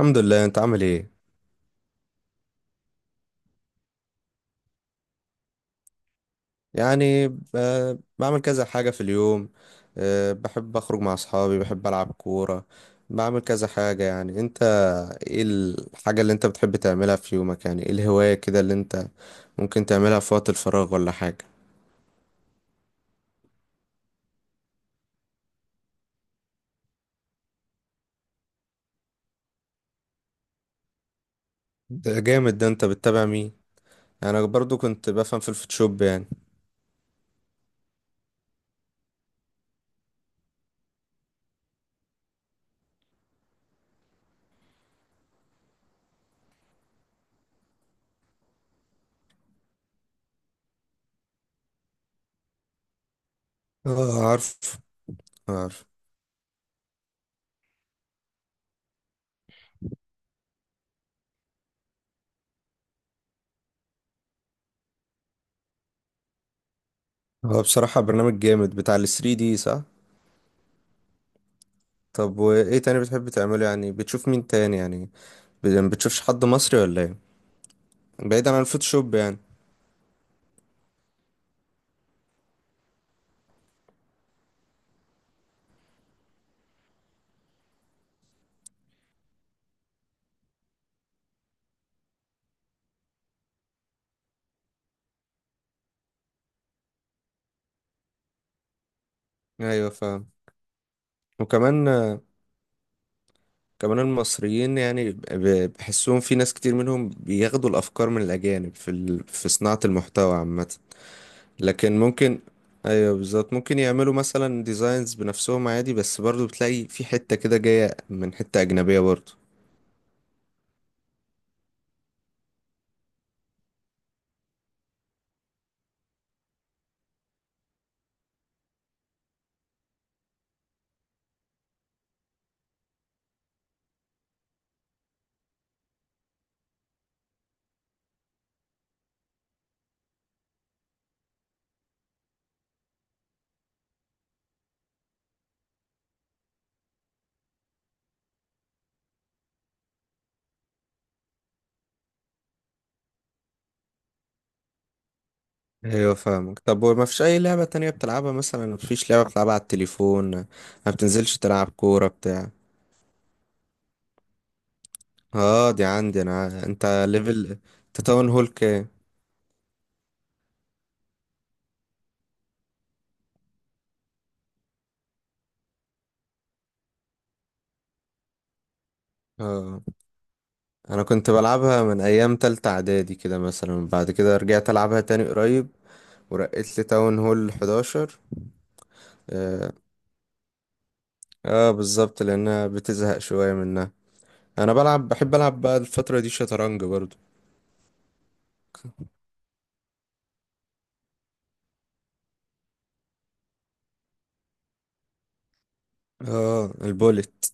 الحمد لله. انت عامل ايه؟ يعني بعمل كذا حاجة في اليوم. بحب اخرج مع اصحابي، بحب العب كورة. بعمل كذا حاجة يعني. انت ايه الحاجة اللي انت بتحب تعملها في يومك؟ يعني ايه الهواية كده اللي انت ممكن تعملها في وقت الفراغ ولا حاجة؟ ده جامد. ده انت بتتابع مين؟ انا برضو كنت بفهم في الفوتوشوب يعني. اه، عارف عارف. هو بصراحة برنامج جامد بتاع ال 3 دي، صح؟ طب وايه تاني بتحب تعمله؟ يعني بتشوف مين تاني؟ يعني بتشوفش حد مصري ولا ايه؟ بعيدا عن الفوتوشوب يعني. ايوه فاهم. وكمان كمان المصريين، يعني بحسهم في ناس كتير منهم بياخدوا الافكار من الاجانب في في صناعة المحتوى عامة. لكن ممكن، ايوه بالظبط، ممكن يعملوا مثلا ديزاينز بنفسهم عادي، بس برضو بتلاقي في حتة كده جاية من حتة اجنبية برضو. ايوه فاهمك. طب ما فيش اي لعبة تانية بتلعبها مثلا؟ ما فيش لعبة بتلعبها على التليفون؟ ما بتنزلش تلعب كورة بتاع؟ اه دي عندي انا. انت ليفل، انت تاون هول كام؟ اه انا كنت بلعبها من ايام تالتة اعدادي كده مثلا، بعد كده رجعت العبها تاني قريب. ورقيت لي تاون هول 11. اه، آه بالظبط لانها بتزهق شوية منها. انا بلعب، بحب العب بقى الفترة دي شطرنج برضو. اه البوليت.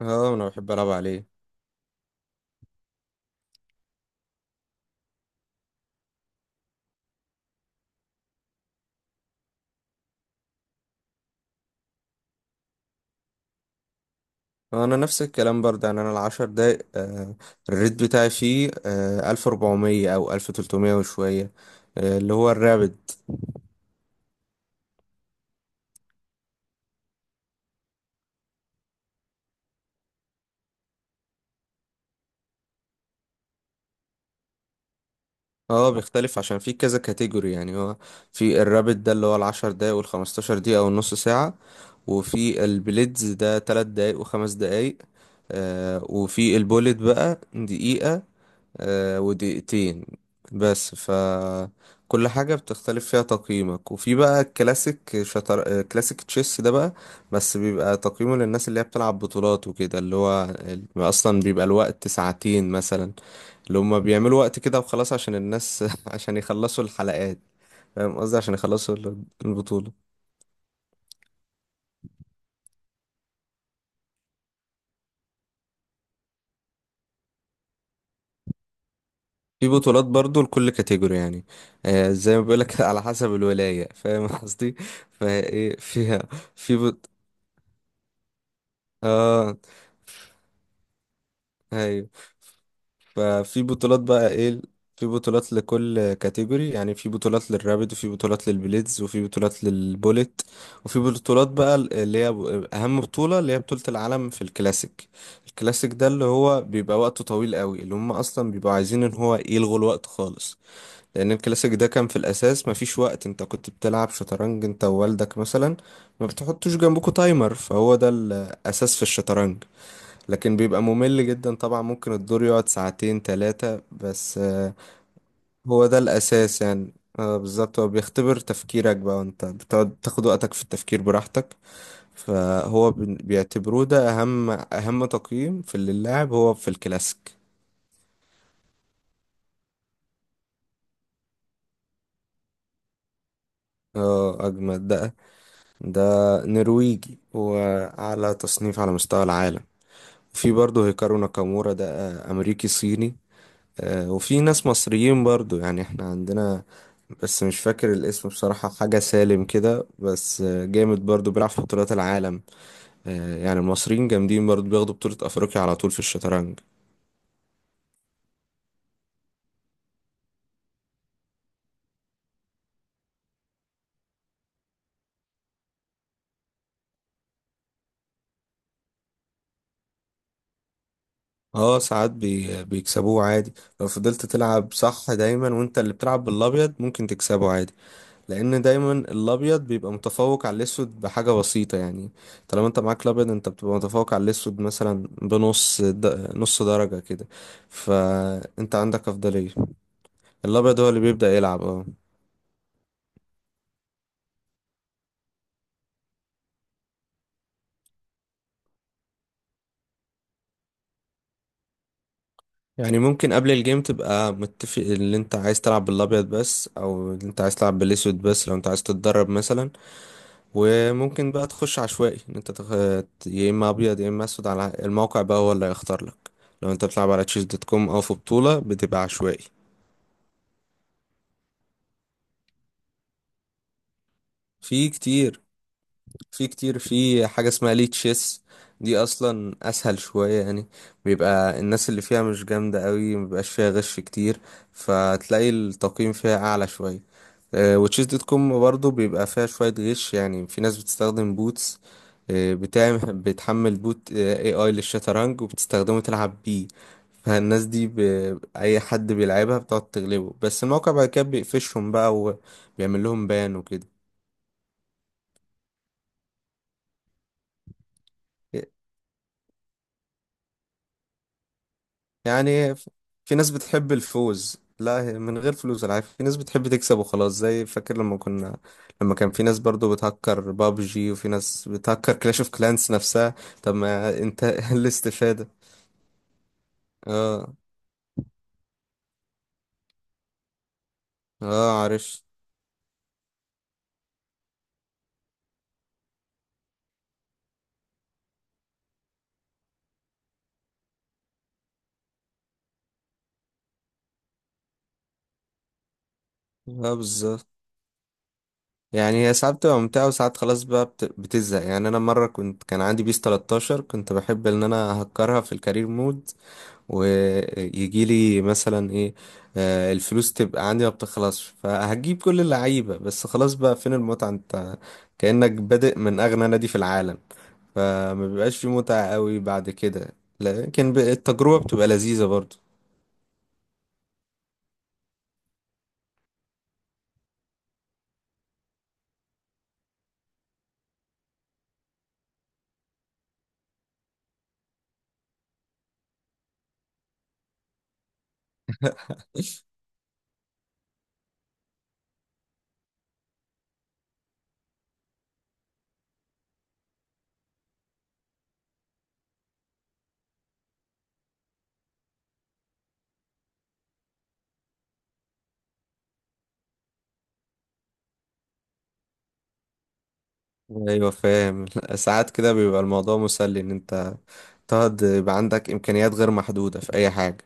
اه انا بحب العب عليه. انا نفس الكلام برضه. يعني انا العشر دقايق، الريت بتاعي فيه 1400 او 1300 وشوية. آه اللي هو الرابد. اه بيختلف عشان في كذا كاتيجوري. يعني هو في الرابت ده اللي هو العشر دقايق والخمستاشر دقيقة والنص ساعة. وفي البليدز ده تلات دقايق وخمس دقايق. آه وفي البوليت بقى دقيقة ودقيقتين. بس ف كل حاجة بتختلف فيها تقييمك. وفي بقى الكلاسيك، شطر... آه، كلاسيك تشيس ده بقى. بس بيبقى تقييمه للناس اللي هي بتلعب بطولات وكده، اللي هو أصلا بيبقى الوقت ساعتين مثلا، اللي هما بيعملوا وقت كده وخلاص عشان الناس عشان يخلصوا الحلقات. فاهم قصدي؟ عشان يخلصوا البطولة. في بطولات برضو لكل كاتيجوري يعني. آه زي ما بيقولك على حسب الولاية، فاهم قصدي. فايه فيها. في بط... اه ايوه، ففي بطولات بقى ايه. في بطولات لكل كاتيجوري، يعني في بطولات للرابد، وفي بطولات للبليدز، وفي بطولات للبوليت. وفي بطولات بقى اللي هي اهم بطولة، اللي هي بطولة العالم في الكلاسيك. الكلاسيك ده اللي هو بيبقى وقته طويل قوي، اللي هم اصلا بيبقوا عايزين ان هو يلغوا الوقت خالص. لان الكلاسيك ده كان في الاساس مفيش وقت، انت كنت بتلعب شطرنج انت ووالدك مثلا، ما بتحطوش جنبكوا تايمر، فهو ده الاساس في الشطرنج. لكن بيبقى ممل جدا طبعا، ممكن الدور يقعد ساعتين ثلاثة بس. هو ده الأساس يعني. بالظبط، هو بيختبر تفكيرك بقى وانت بتقعد تاخد وقتك في التفكير براحتك. فهو بيعتبروه ده أهم أهم تقييم في اللي اللاعب هو في الكلاسيك. اه أجمد ده. ده نرويجي وأعلى تصنيف على مستوى العالم. في برضه هيكارو ناكامورا ده، أمريكي صيني. وفي ناس مصريين برضو، يعني احنا عندنا، بس مش فاكر الاسم بصراحة، حاجة سالم كده، بس جامد برضو بيلعب في بطولات العالم. يعني المصريين جامدين برضو، بياخدوا بطولة أفريقيا على طول في الشطرنج. اه ساعات بيكسبوه عادي. لو فضلت تلعب صح دايما وانت اللي بتلعب بالأبيض ممكن تكسبه عادي. لان دايما الابيض بيبقى متفوق على الاسود بحاجه بسيطه يعني. طالما انت معاك الابيض انت بتبقى متفوق على الاسود مثلا نص درجه كده. فانت عندك افضليه. الابيض هو اللي بيبدا يلعب اه. يعني ممكن قبل الجيم تبقى متفق اللي انت عايز تلعب بالابيض بس، او اللي انت عايز تلعب بالاسود بس، لو انت عايز تتدرب مثلا. وممكن بقى تخش عشوائي ان انت يا اما ابيض يا اما اسود، على الموقع بقى هو اللي هيختار لك. لو انت بتلعب على تشيز دوت كوم او في بطولة بتبقى عشوائي. في كتير. في كتير. في حاجة اسمها ليه تشيس، دي اصلا اسهل شوية يعني. بيبقى الناس اللي فيها مش جامدة قوي، مبيبقاش فيها غش كتير، فتلاقي التقييم فيها اعلى شوية. وتشيس دوت كوم برضه بيبقى فيها شوية غش، يعني في ناس بتستخدم بوتس. بتحمل بوت اي اي للشطرنج وبتستخدمه تلعب بيه. فالناس دي ب... اي حد بيلعبها بتقعد تغلبه، بس الموقع بعد كده بيقفشهم بقى وبيعمل لهم بان وكده. يعني في ناس بتحب الفوز، لا هي من غير فلوس العاب، في ناس بتحب تكسب وخلاص. زي فاكر لما كنا، لما كان في ناس برضو بتهكر بابجي وفي ناس بتهكر كلاش اوف كلانس نفسها. طب ما انت الاستفادة. اه اه عارف. اه بالظبط. يعني هي ساعات بتبقى ممتعة، وساعات خلاص بقى بتزهق. يعني انا مرة كان عندي بيس 13، كنت بحب ان انا اهكرها في الكارير مود، ويجي لي مثلا ايه. الفلوس تبقى عندي ما بتخلصش، فهجيب كل اللعيبة، بس خلاص بقى فين المتعة انت؟ كأنك بادئ من أغنى نادي في العالم. فما بيبقاش في متعة قوي بعد كده. لكن التجربة بتبقى لذيذة برضو. ايوه فاهم. ساعات كده بيبقى الموضوع مسلي، ان انت تقعد يبقى عندك امكانيات غير محدودة في اي حاجة.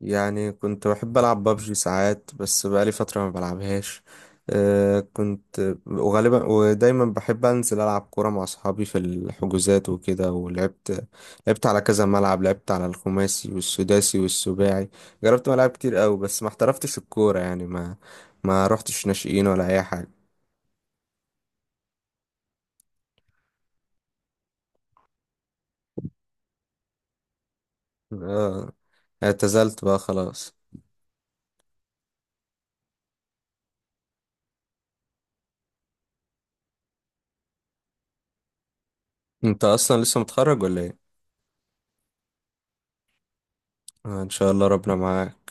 يعني كنت بحب ألعب بابجي ساعات، بس بقالي فترة ما بلعبهاش. أه كنت وغالبا ودايما بحب أنزل ألعب كورة مع أصحابي في الحجوزات وكده، ولعبت. لعبت على كذا ملعب، لعبت على الخماسي والسداسي والسباعي. جربت ملاعب كتير أوي، بس ما احترفتش الكورة، يعني ما رحتش ناشئين ولا أي حاجة. أه اعتزلت بقى خلاص. أنت أصلا لسه متخرج ولا إيه؟ إن شاء الله ربنا معاك.